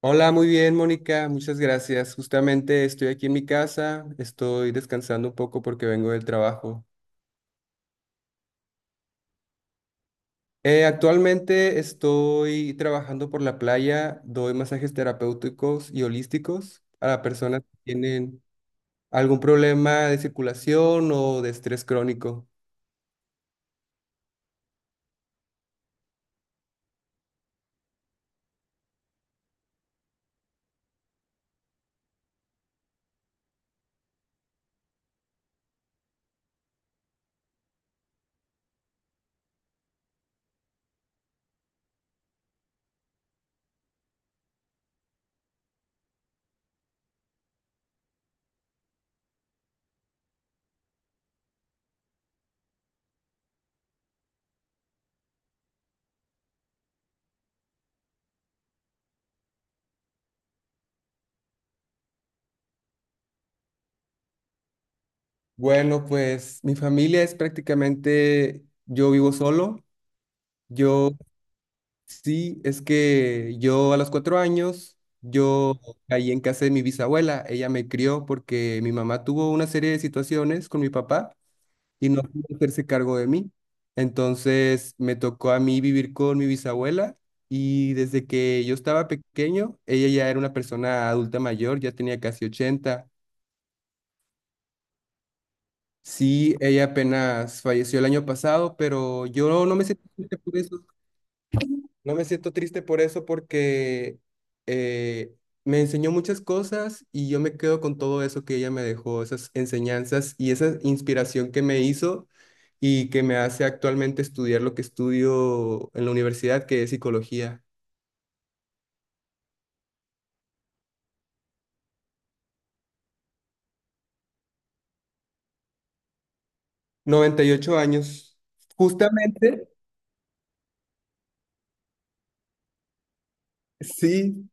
Hola, muy bien, Mónica, muchas gracias. Justamente estoy aquí en mi casa, estoy descansando un poco porque vengo del trabajo. Actualmente estoy trabajando por la playa, doy masajes terapéuticos y holísticos a personas que tienen algún problema de circulación o de estrés crónico. Bueno, pues mi familia es prácticamente, yo vivo solo. Yo Sí, es que yo a los 4 años, yo caí en casa de mi bisabuela. Ella me crió porque mi mamá tuvo una serie de situaciones con mi papá y no pudo hacerse cargo de mí. Entonces me tocó a mí vivir con mi bisabuela y desde que yo estaba pequeño, ella ya era una persona adulta mayor, ya tenía casi 80. Sí, ella apenas falleció el año pasado, pero yo no me sentí triste por eso. No me siento triste por eso porque eh, me enseñó muchas cosas y yo me quedo con todo eso que ella me dejó, esas enseñanzas y esa inspiración que me hizo y que me hace actualmente estudiar lo que estudio en la universidad, que es psicología. 98 años. Justamente, sí,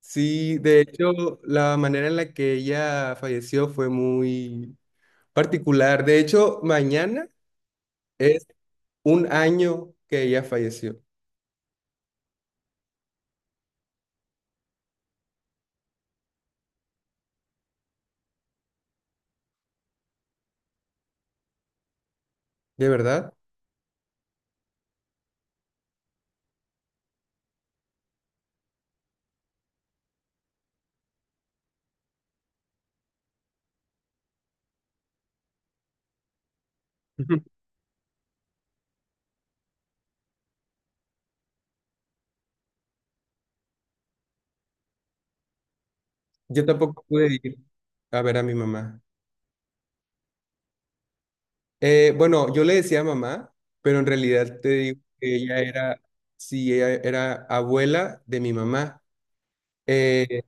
sí. De hecho, la manera en la que ella falleció fue muy particular. De hecho, mañana es un año que ella falleció. ¿De verdad? Yo tampoco pude ir a ver a mi mamá. Bueno, yo le decía mamá, pero en realidad te digo que ella era, sí, ella era abuela de mi mamá. Eh,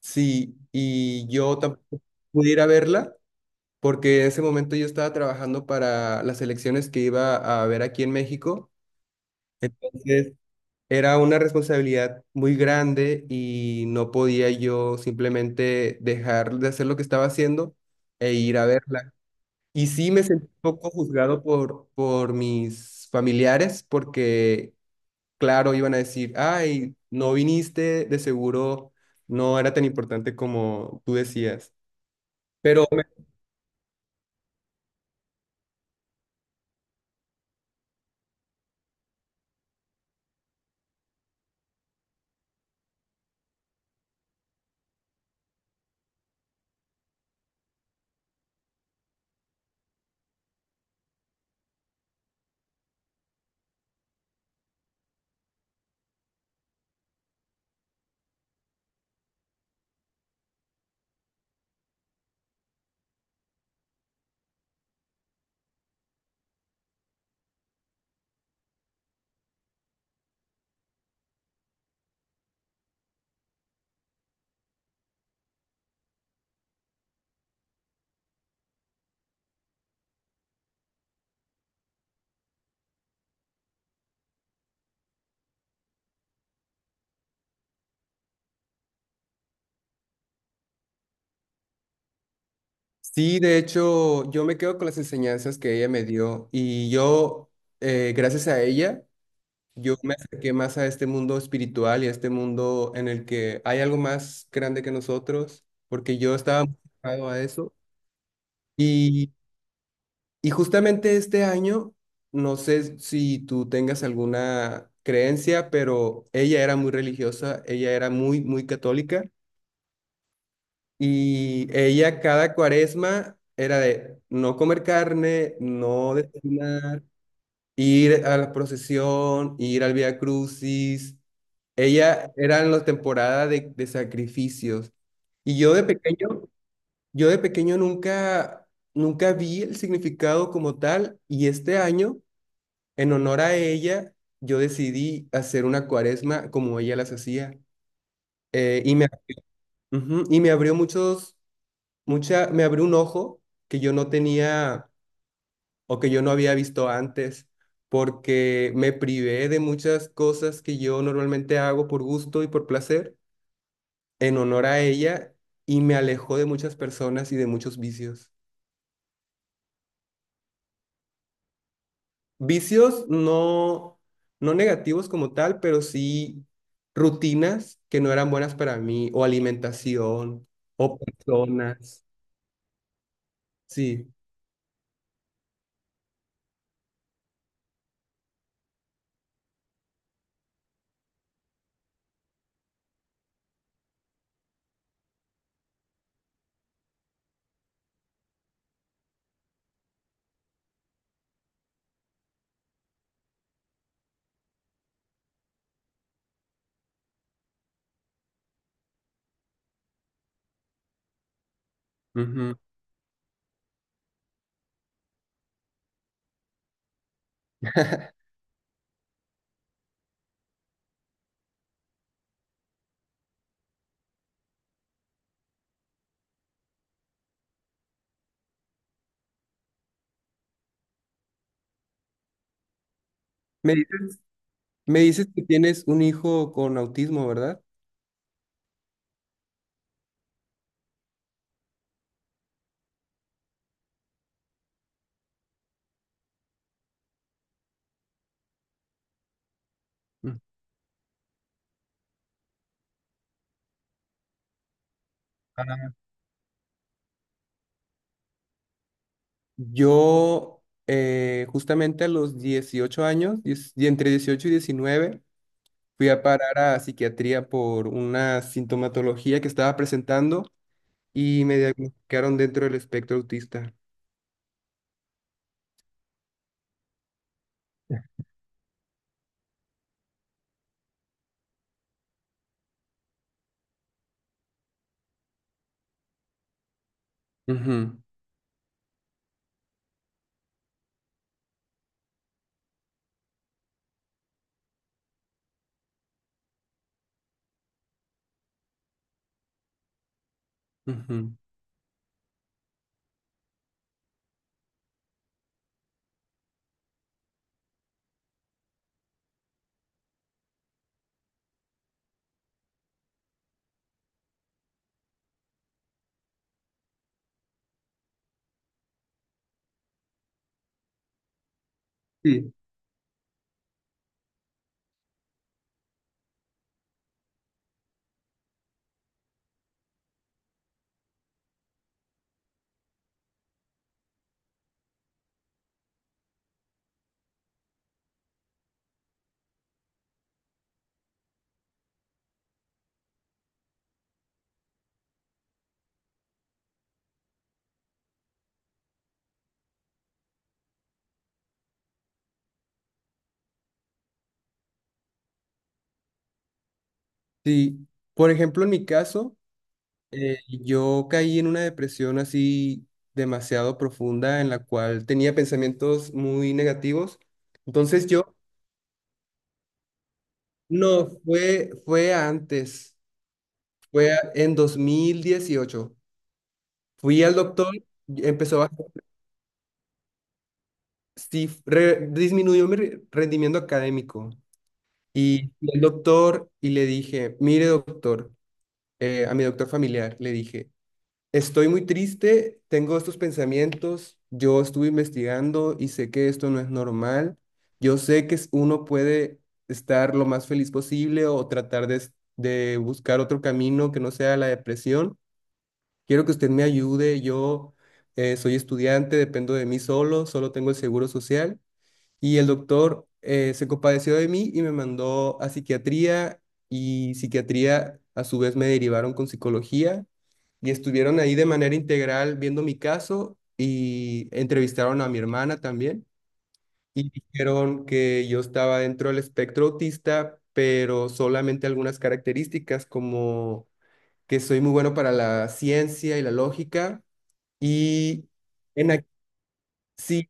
sí, y yo tampoco pude ir a verla porque en ese momento yo estaba trabajando para las elecciones que iba a haber aquí en México. Entonces, era una responsabilidad muy grande y no podía yo simplemente dejar de hacer lo que estaba haciendo e ir a verla. Y sí me sentí un poco juzgado por mis familiares porque, claro, iban a decir, ay, no viniste, de seguro no era tan importante como tú decías. Pero sí, de hecho, yo me quedo con las enseñanzas que ella me dio y yo, gracias a ella, yo me acerqué más a este mundo espiritual y a este mundo en el que hay algo más grande que nosotros, porque yo estaba muy enfocado a eso. Y, y justamente este año, no sé si tú tengas alguna creencia, pero ella era muy religiosa, ella era muy, muy católica y ella cada cuaresma era de no comer carne, no desayunar, ir a la procesión, ir al Vía Crucis. Ella era en la temporada de sacrificios. Y yo de pequeño, nunca vi el significado como tal. Y este año, en honor a ella, yo decidí hacer una cuaresma como ella las hacía. Eh, y me, ujú, y me abrió muchos, me abrió un ojo que yo no tenía o que yo no había visto antes, porque me privé de muchas cosas que yo normalmente hago por gusto y por placer en honor a ella y me alejó de muchas personas y de muchos vicios. Vicios no, no negativos como tal, pero sí rutinas que no eran buenas para mí, o alimentación, o personas. Sí. Ujú. Me dices, me dices que tienes un hijo con autismo, ¿verdad? Mm. Ah. Yo, justamente a los 18 años, y entre 18 y 19 fui a parar a psiquiatría por una sintomatología que estaba presentando y me diagnosticaron dentro del espectro autista. Ujú, ujú. Sí. Sí. Por ejemplo, en mi caso, yo caí en una depresión así demasiado profunda en la cual tenía pensamientos muy negativos. Entonces yo, no, fue antes, en 2018. Fui al doctor, empezó a, sí, disminuyó mi rendimiento académico. Y fui al doctor y le dije, mire doctor, a mi doctor familiar, le dije, estoy muy triste, tengo estos pensamientos, yo estuve investigando y sé que esto no es normal, yo sé que uno puede estar lo más feliz posible o tratar de, de buscar otro camino que no sea la depresión. Quiero que usted me ayude, yo soy estudiante, dependo de mí solo, solo tengo el seguro social. Y el doctor se compadeció de mí y me mandó a psiquiatría y psiquiatría a su vez me derivaron con psicología y estuvieron ahí de manera integral viendo mi caso y entrevistaron a mi hermana también y dijeron que yo estaba dentro del espectro autista, pero solamente algunas características como que soy muy bueno para la ciencia y la lógica y en ac- sí,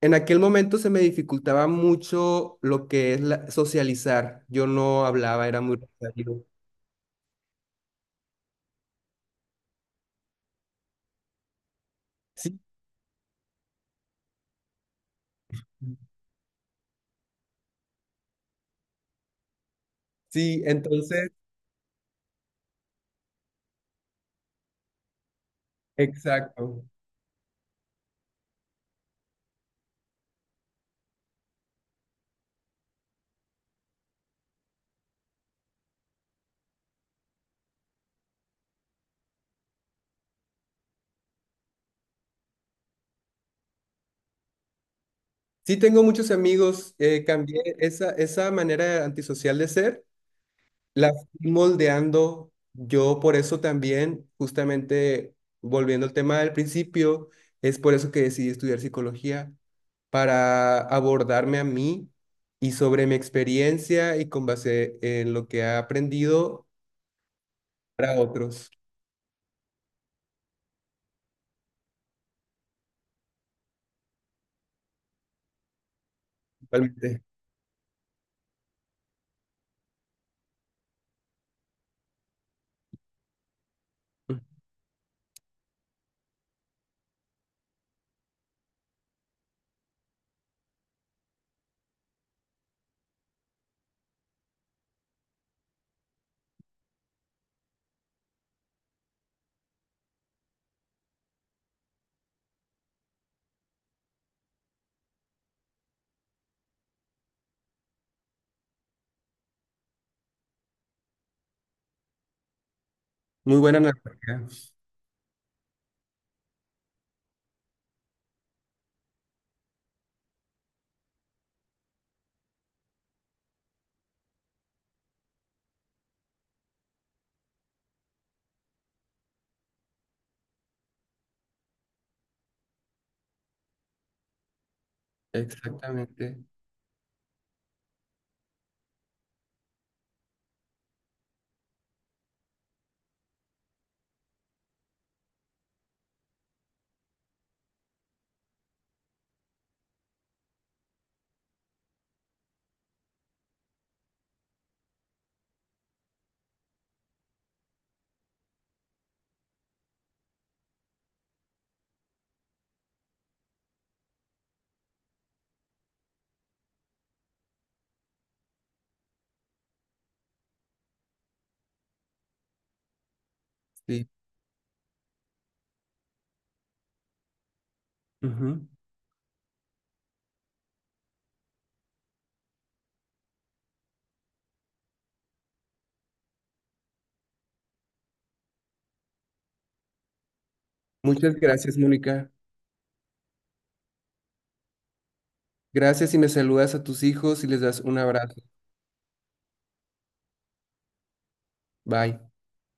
en aquel momento se me dificultaba mucho lo que es socializar. Yo no hablaba, era muy retraído. Sí, sí, entonces, exacto. Sí, tengo muchos amigos. Cambié esa, manera antisocial de ser, la fui moldeando. Yo por eso también, justamente volviendo al tema del principio, es por eso que decidí estudiar psicología, para abordarme a mí y sobre mi experiencia y con base en lo que ha aprendido para otros. Realmente. Muy buena analogía. Exactamente. Sí. Ujú. Muchas gracias, Mónica. Gracias y me saludas a tus hijos y les das un abrazo. Bye.